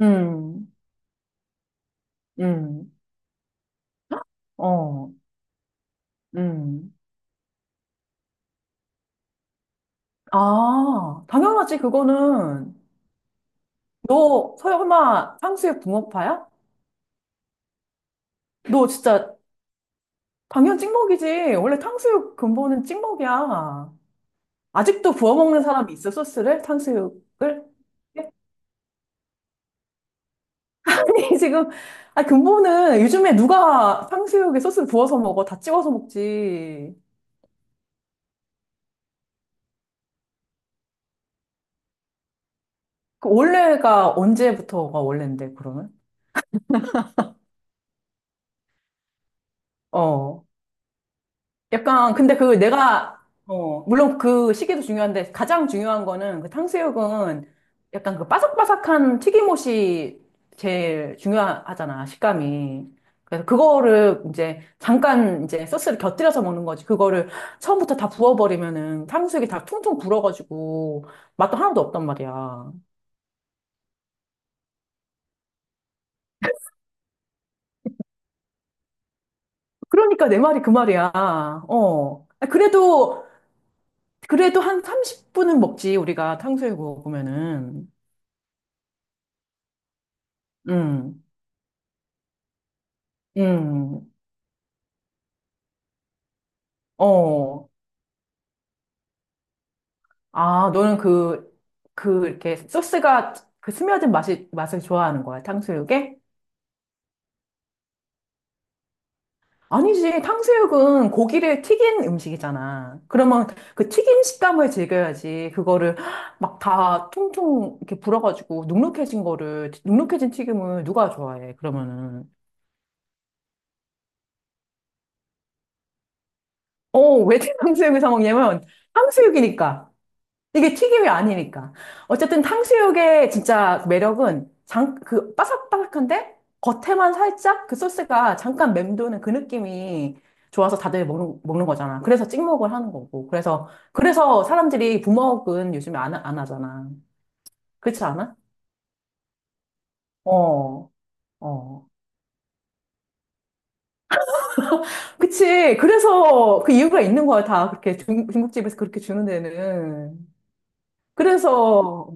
음, 음, 어, 음. 아, 당연하지, 그거는. 너 설마 탕수육 붕어파야? 너 진짜 당연 찍먹이지. 원래 탕수육 근본은 찍먹이야. 아직도 부어 먹는 사람이 있어, 소스를? 탕수육을? 아니, 지금, 아, 근본은 요즘에 누가 탕수육에 소스 부어서 먹어? 다 찍어서 먹지. 그 원래가 언제부터가 원래인데, 그러면? 어. 약간, 근데 그 내가, 물론 그 시기도 중요한데 가장 중요한 거는 그 탕수육은 약간 그 바삭바삭한 튀김옷이 제일 중요하잖아, 식감이. 그래서 그거를 이제 잠깐 이제 소스를 곁들여서 먹는 거지. 그거를 처음부터 다 부어버리면은 탕수육이 다 퉁퉁 불어가지고 맛도 하나도 없단 말이야. 그러니까 내 말이 그 말이야. 어. 아, 그래도, 그래도 한 30분은 먹지, 우리가 탕수육 먹으면은. 음. 음, 어. 아, 너는 그, 그, 이렇게 소스가 그 스며든 맛이, 맛을 좋아하는 거야, 탕수육에? 아니지, 탕수육은 고기를 튀긴 음식이잖아. 그러면 그 튀긴 식감을 즐겨야지. 그거를 막 다 통통 이렇게 불어가지고 눅눅해진 거를, 눅눅해진 튀김을 누가 좋아해, 그러면은. 어, 왜 탕수육을 사 먹냐면, 탕수육이니까. 이게 튀김이 아니니까. 어쨌든 탕수육의 진짜 매력은 장, 그 바삭바삭한데 겉에만 살짝 그 소스가 잠깐 맴도는 그 느낌이 좋아서 다들 먹는 거잖아. 그래서 찍먹을 하는 거고. 그래서 사람들이 부먹은 요즘에 안 하잖아. 그렇지 않아? 어, 어. 그치. 그래서 그 이유가 있는 거야. 다 그렇게 중국집에서 그렇게 주는 데는. 그래서,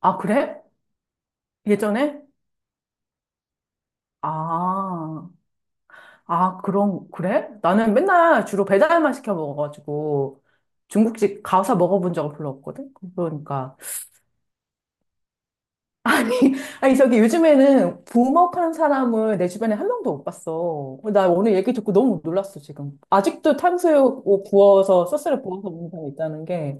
아, 그래? 예전에? 아. 아, 그런, 그래? 나는 맨날 주로 배달만 시켜 먹어가지고 중국집 가서 먹어본 적은 별로 없거든? 그러니까. 아니, 아니, 저기 요즘에는 부먹하는 사람을 내 주변에 한 명도 못 봤어. 나 오늘 얘기 듣고 너무 놀랐어, 지금. 아직도 탕수육 구워서, 소스를 부어서 먹는 사람이 있다는 게.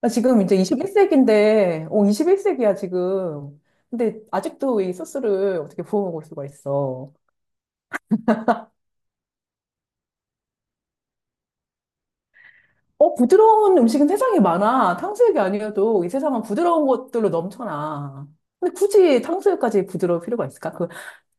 나 지금 이제 21세기인데, 어, 21세기야, 지금. 근데 아직도 이 소스를 어떻게 부어 먹을 수가 있어. 어, 부드러운 음식은 세상에 많아. 탕수육이 아니어도 이 세상은 부드러운 것들로 넘쳐나. 근데 굳이 탕수육까지 부드러울 필요가 있을까? 그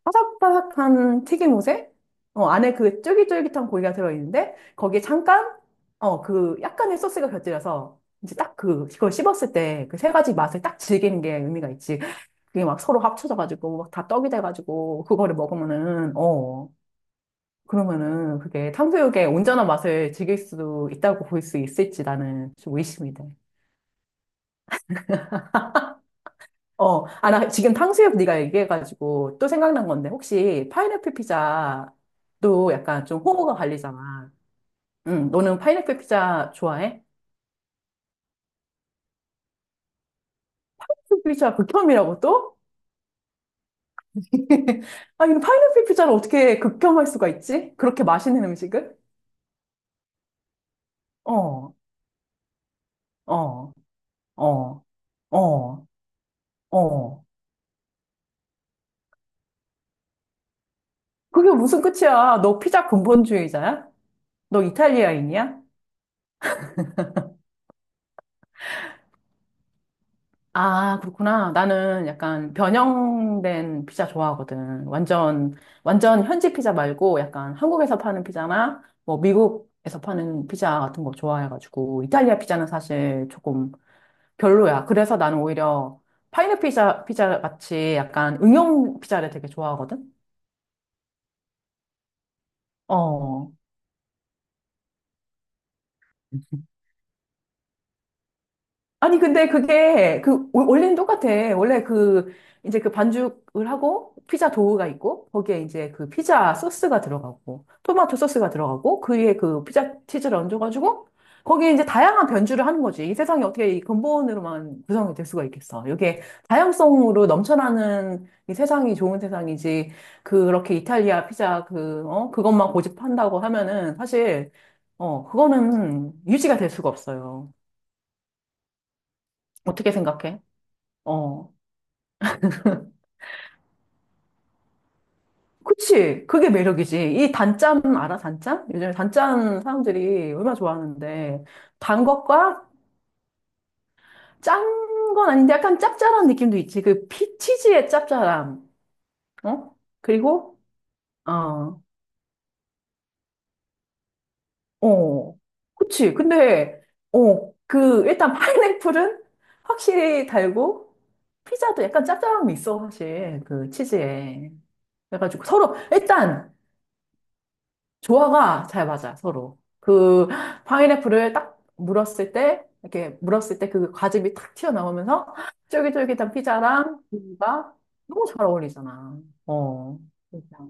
바삭바삭한 튀김옷에 안에 그 쫄깃쫄깃한 고기가 들어있는데 거기에 잠깐 그 약간의 소스가 곁들여서 이제 딱 그, 그걸 씹었을 때 그 세 가지 맛을 딱 즐기는 게 의미가 있지. 그게 막 서로 합쳐져가지고 막 다 떡이 돼가지고 그거를 먹으면은 어. 그러면은 그게 탕수육의 온전한 맛을 즐길 수도 있다고 볼 수 있을지 나는 좀 의심이 돼. 어, 아, 나 지금 탕수육 네가 얘기해가지고 또 생각난 건데 혹시 파인애플 피자도 약간 좀 호불호가 갈리잖아. 응, 너는 파인애플 피자 좋아해? 파인애플 피자 극혐이라고 또? 아니, 근데 파인애플 피자를 어떻게 극혐할 수가 있지? 그렇게 맛있는 음식을? 어, 어, 어, 어, 어. 그게 무슨 끝이야? 너 피자 근본주의자야? 너 이탈리아인이야? 아, 그렇구나. 나는 약간 변형된 피자 좋아하거든. 완전, 완전 현지 피자 말고 약간 한국에서 파는 피자나 뭐 미국에서 파는 피자 같은 거 좋아해가지고 이탈리아 피자는 사실 조금 별로야. 그래서 나는 오히려 파인애플 피자, 피자 같이 약간 응용 피자를 되게 좋아하거든. 어. 아니, 근데 그게, 그, 원래는 똑같아. 원래 그, 이제 그 반죽을 하고, 피자 도우가 있고, 거기에 이제 그 피자 소스가 들어가고, 토마토 소스가 들어가고, 그 위에 그 피자 치즈를 얹어가지고, 거기에 이제 다양한 변주를 하는 거지. 이 세상이 어떻게 이 근본으로만 구성이 될 수가 있겠어. 이게 다양성으로 넘쳐나는 이 세상이 좋은 세상이지. 그렇게 이탈리아 피자 그, 그것만 고집한다고 하면은, 사실, 그거는 유지가 될 수가 없어요. 어떻게 생각해? 어. 그치. 그게 매력이지. 이 단짠 알아? 단짠? 요즘에 단짠 사람들이 얼마나 좋아하는데. 단 것과 짠 건 아닌데 약간 짭짤한 느낌도 있지. 그 피치즈의 짭짤함. 어? 그리고, 어, 어. 그치. 근데, 어, 그, 일단 파인애플은 확실히 달고, 피자도 약간 짭짤함이 있어, 사실. 그 치즈에. 그래가지고 서로, 일단, 조화가 잘 맞아, 서로. 그 파인애플을 딱 물었을 때, 이렇게 물었을 때 그 과즙이 탁 튀어나오면서 쫄깃쫄깃한 피자랑 고기가 너무 잘 어울리잖아. 어. 그러니까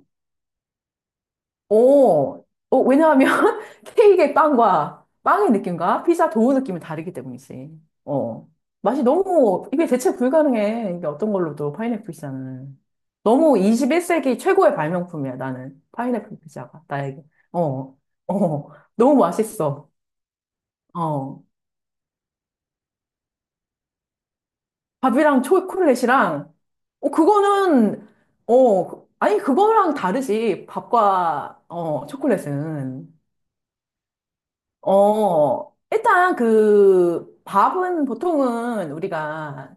어, 왜냐하면 케이크의 빵과 빵의 느낌과 피자 도우 느낌이 다르기 때문이지. 어. 맛이 너무, 이게 대체 불가능해. 이게 어떤 걸로도 파인애플 피자는. 너무 21세기 최고의 발명품이야, 나는. 파인애플 피자가, 나에게. 어, 어. 너무 맛있어. 어. 밥이랑 초콜릿이랑, 어, 그거는, 아니, 그거랑 다르지. 밥과, 초콜릿은. 어, 일단 그 밥은 보통은 우리가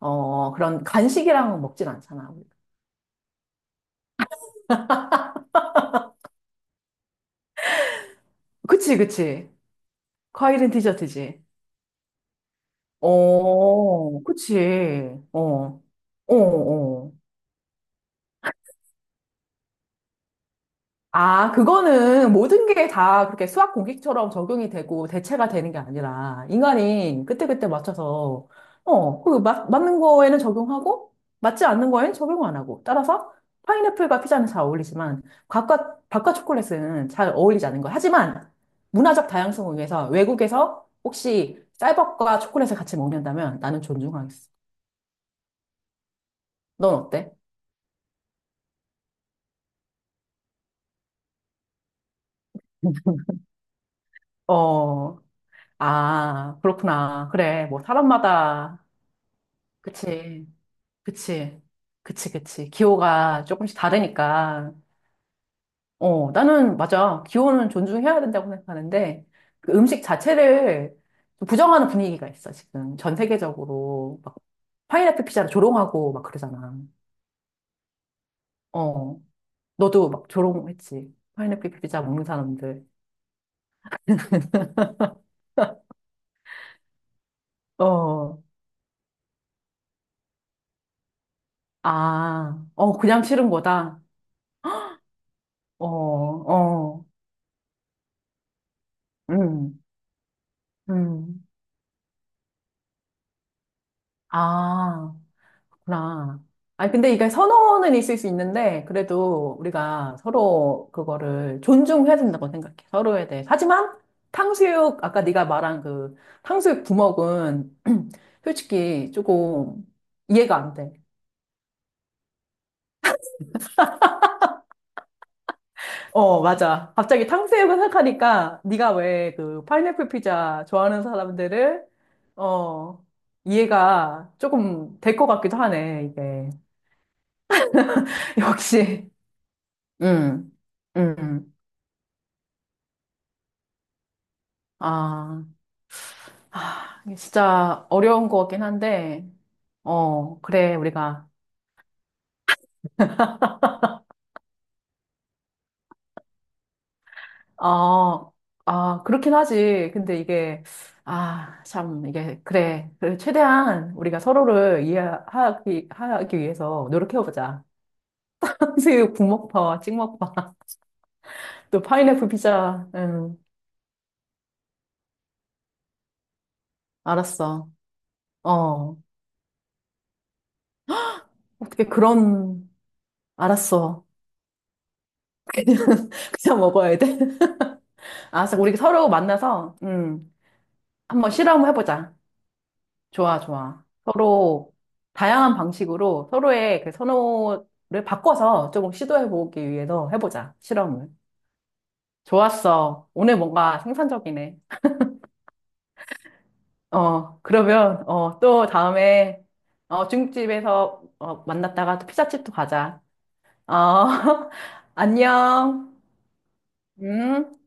그런 간식이랑 먹진 않잖아. 그치, 그치. 과일은 디저트지. 어, 그치. 어, 어, 어. 아, 그거는 모든 게 다 그렇게 수학 공식처럼 적용이 되고 대체가 되는 게 아니라 인간이 그때그때 맞춰서 그 맞는 거에는 적용하고 맞지 않는 거에는 적용 안 하고 따라서 파인애플과 피자는 잘 어울리지만 과과 바과 초콜릿은 잘 어울리지 않는 거. 하지만 문화적 다양성을 위해서 외국에서 혹시 쌀밥과 초콜릿을 같이 먹는다면 나는 존중하겠어. 넌 어때? 어, 아, 그렇구나. 그래, 뭐 사람마다 그치. 그치. 그치, 그치. 기호가 조금씩 다르니까. 어, 나는, 맞아. 기호는 존중해야 된다고 생각하는데, 그 음식 자체를 좀 부정하는 분위기가 있어, 지금. 전 세계적으로. 막, 파인애플 피자를 조롱하고 막 그러잖아. 어, 너도 막 조롱했지. 파인애플 피자 먹는 사람들. 어, 아, 어, 그냥 싫은 거다. 어, 어, 음, 음. 아. 나. 아니, 근데 이게 선호는 있을 수 있는데, 그래도 우리가 서로 그거를 존중해야 된다고 생각해. 서로에 대해. 하지만, 탕수육, 아까 네가 말한 그 탕수육 부먹은 솔직히 조금 이해가 안 돼. 어, 맞아. 갑자기 탕수육을 생각하니까 네가 왜 그 파인애플 피자 좋아하는 사람들을, 어, 이해가 조금 될 것 같기도 하네, 이게. 역시. 음, 음. 아. 아, 이게 진짜 어려운 것 같긴 한데, 어, 그래, 우리가, 어, 아, 그렇긴 하지. 근데 이게, 아, 참, 이게, 그래. 그래, 최대한 우리가 서로를 하기 위해서 노력해보자. 한수육 국먹파, 찍먹파, 또 파인애플 피자, 응, 알았어. 어, 어떻게 그런, 알았어. 그냥 먹어야 돼. 알았어. 우리 서로 만나서, 한번 실험해보자. 좋아, 좋아. 서로 다양한 방식으로 서로의 그 선호를 바꿔서 조금 시도해보기 위해서 해보자, 실험을. 좋았어. 오늘 뭔가 생산적이네. 어, 그러면, 어, 또 다음에, 어, 중국집에서, 어, 만났다가 또 피자집도 가자. 어, 안녕. 음.